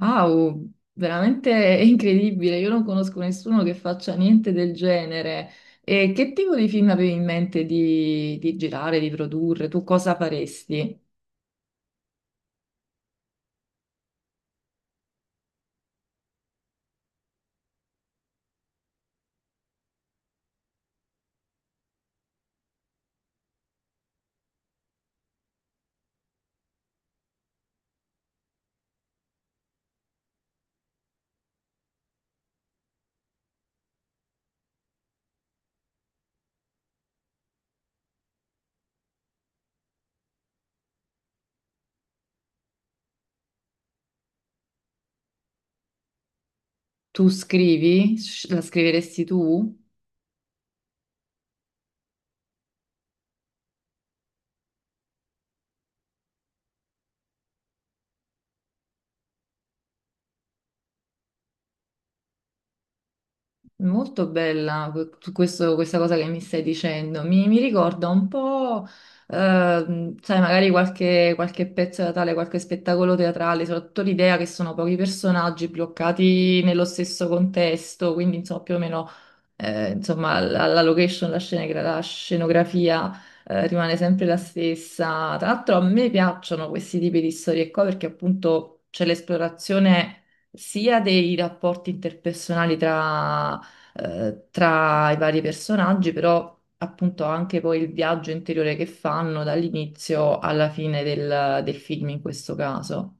Wow, veramente è incredibile. Io non conosco nessuno che faccia niente del genere. E che tipo di film avevi in mente di girare, di produrre? Tu cosa faresti? Tu scrivi? La scriveresti tu? Molto bella questa cosa che mi stai dicendo. Mi ricorda un po', sai, magari qualche pezzo teatrale, qualche spettacolo teatrale, soprattutto l'idea che sono pochi personaggi bloccati nello stesso contesto, quindi insomma più o meno insomma, la location, la scenografia rimane sempre la stessa. Tra l'altro a me piacciono questi tipi di storie qua perché appunto c'è l'esplorazione sia dei rapporti interpersonali tra, tra i vari personaggi, però appunto anche poi il viaggio interiore che fanno dall'inizio alla fine del film in questo caso.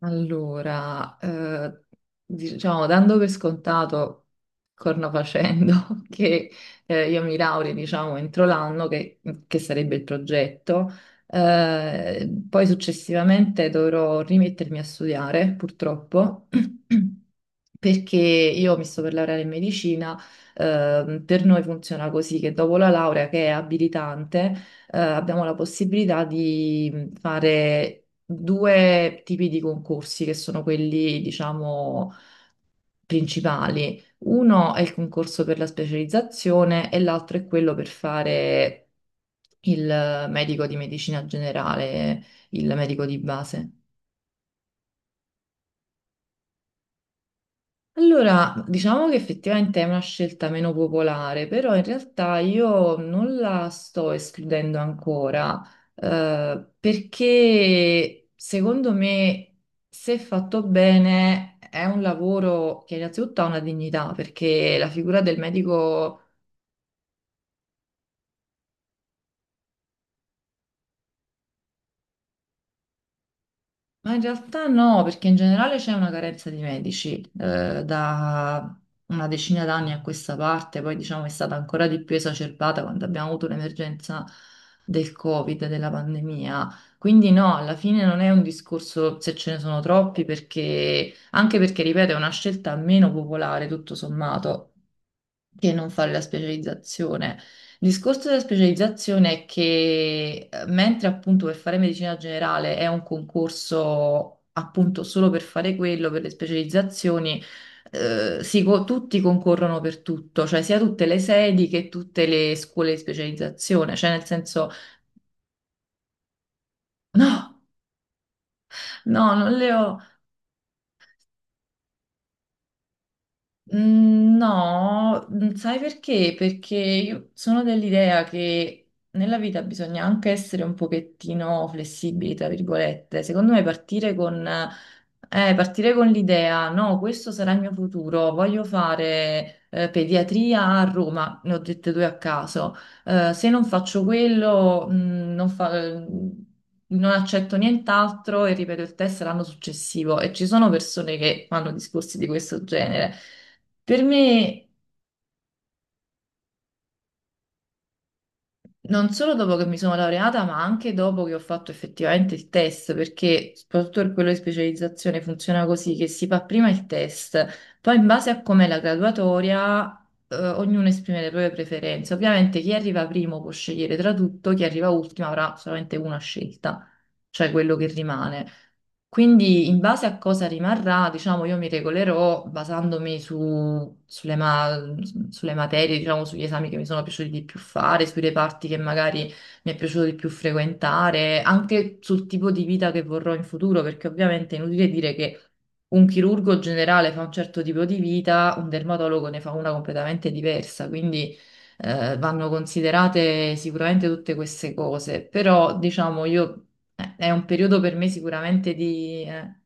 Allora, diciamo, dando per scontato, corna facendo, che io mi laurei, diciamo, entro l'anno, che sarebbe il progetto, poi successivamente dovrò rimettermi a studiare, purtroppo, perché io mi sto per laureare in medicina. Per noi funziona così che dopo la laurea, che è abilitante, abbiamo la possibilità di fare due tipi di concorsi che sono quelli, diciamo, principali. Uno è il concorso per la specializzazione e l'altro è quello per fare il medico di medicina generale, il medico di base. Allora, diciamo che effettivamente è una scelta meno popolare, però in realtà io non la sto escludendo ancora, perché secondo me, se fatto bene, è un lavoro che innanzitutto ha una dignità, perché la figura del medico. Ma in realtà no, perché in generale c'è una carenza di medici da una decina d'anni a questa parte, poi diciamo è stata ancora di più esacerbata quando abbiamo avuto l'emergenza del Covid, della pandemia. Quindi no, alla fine non è un discorso se ce ne sono troppi, perché anche perché, ripeto, è una scelta meno popolare tutto sommato che non fare la specializzazione. Il discorso della specializzazione è che mentre appunto per fare medicina generale è un concorso appunto solo per fare quello, per le specializzazioni, tutti concorrono per tutto, cioè sia tutte le sedi che tutte le scuole di specializzazione, cioè nel senso. No, no, non le ho. Mm. No, sai perché? Perché io sono dell'idea che nella vita bisogna anche essere un pochettino flessibili, tra virgolette. Secondo me partire con l'idea, no, questo sarà il mio futuro, voglio fare, pediatria a Roma, ne ho dette due a caso. Se non faccio quello, mm, non fa- mm, non accetto nient'altro e ripeto il test l'anno successivo. E ci sono persone che fanno discorsi di questo genere. Per me, non solo dopo che mi sono laureata, ma anche dopo che ho fatto effettivamente il test, perché soprattutto per quello di specializzazione funziona così, che si fa prima il test, poi in base a com'è la graduatoria, ognuno esprime le proprie preferenze. Ovviamente chi arriva primo può scegliere tra tutto, chi arriva ultimo avrà solamente una scelta, cioè quello che rimane. Quindi in base a cosa rimarrà, diciamo, io mi regolerò basandomi sulle materie, diciamo, sugli esami che mi sono piaciuti di più fare, sui reparti che magari mi è piaciuto di più frequentare, anche sul tipo di vita che vorrò in futuro, perché ovviamente è inutile dire che un chirurgo generale fa un certo tipo di vita, un dermatologo ne fa una completamente diversa, quindi vanno considerate sicuramente tutte queste cose, però diciamo io è un periodo per me sicuramente di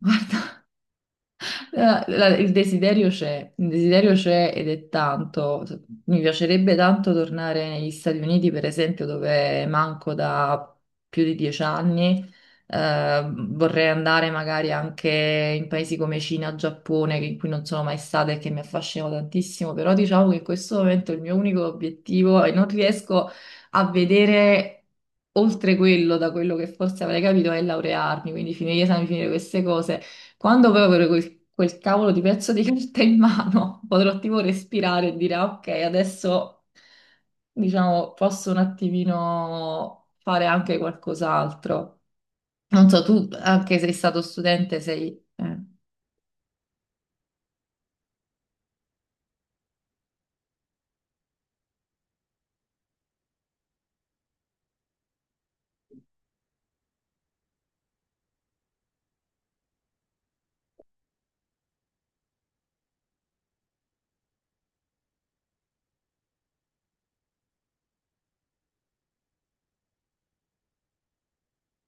guarda. Il desiderio c'è ed è tanto. Mi piacerebbe tanto tornare negli Stati Uniti, per esempio, dove manco da più di 10 anni. Vorrei andare magari anche in paesi come Cina, Giappone, in cui non sono mai stata e che mi affascinano tantissimo, però diciamo che in questo momento il mio unico obiettivo è non riesco a vedere oltre quello, da quello che forse avrei capito, è laurearmi, quindi finire gli esami, finire queste cose. Quando poi avrò quel cavolo di pezzo di carta in mano, potrò tipo respirare e dire, "Ah, ok, adesso diciamo posso un attimino fare anche qualcos'altro. Non so, tu anche sei stato studente, sei. eh.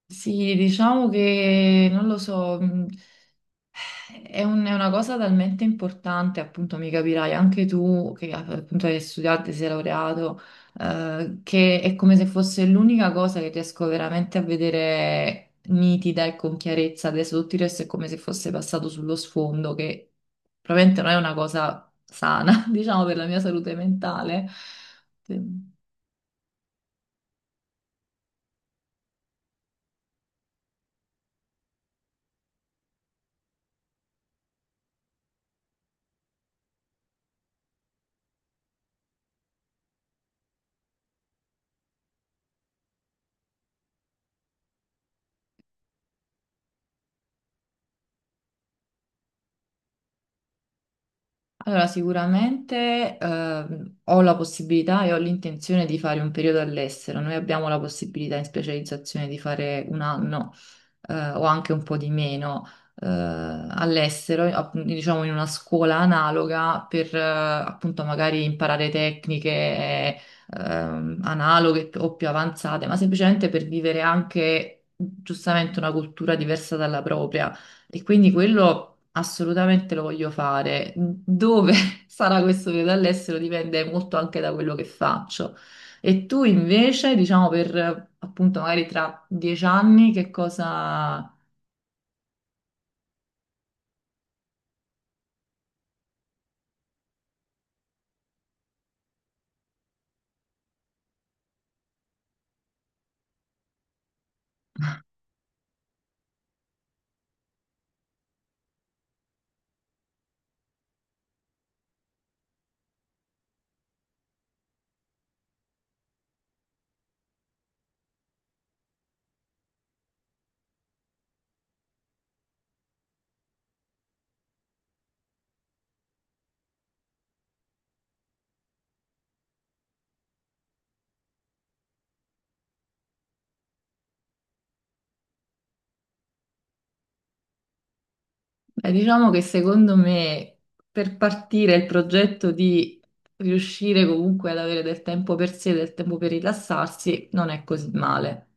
Sì, diciamo che non lo so. È una cosa talmente importante, appunto, mi capirai anche tu che appunto hai studiato, e sei laureato, che è come se fosse l'unica cosa che riesco veramente a vedere nitida e con chiarezza. Adesso tutto il resto è come se fosse passato sullo sfondo, che probabilmente non è una cosa sana, diciamo, per la mia salute mentale. Sì. Allora, sicuramente ho la possibilità e ho l'intenzione di fare un periodo all'estero. Noi abbiamo la possibilità in specializzazione di fare un anno o anche un po' di meno all'estero, diciamo in una scuola analoga per appunto magari imparare tecniche analoghe o più avanzate, ma semplicemente per vivere anche giustamente una cultura diversa dalla propria. E quindi quello, assolutamente lo voglio fare. Dove sarà questo periodo all'estero dipende molto anche da quello che faccio. E tu invece, diciamo, per appunto magari tra 10 anni, che cosa. Beh, diciamo che secondo me per partire il progetto di riuscire comunque ad avere del tempo per sé, del tempo per rilassarsi, non è così male.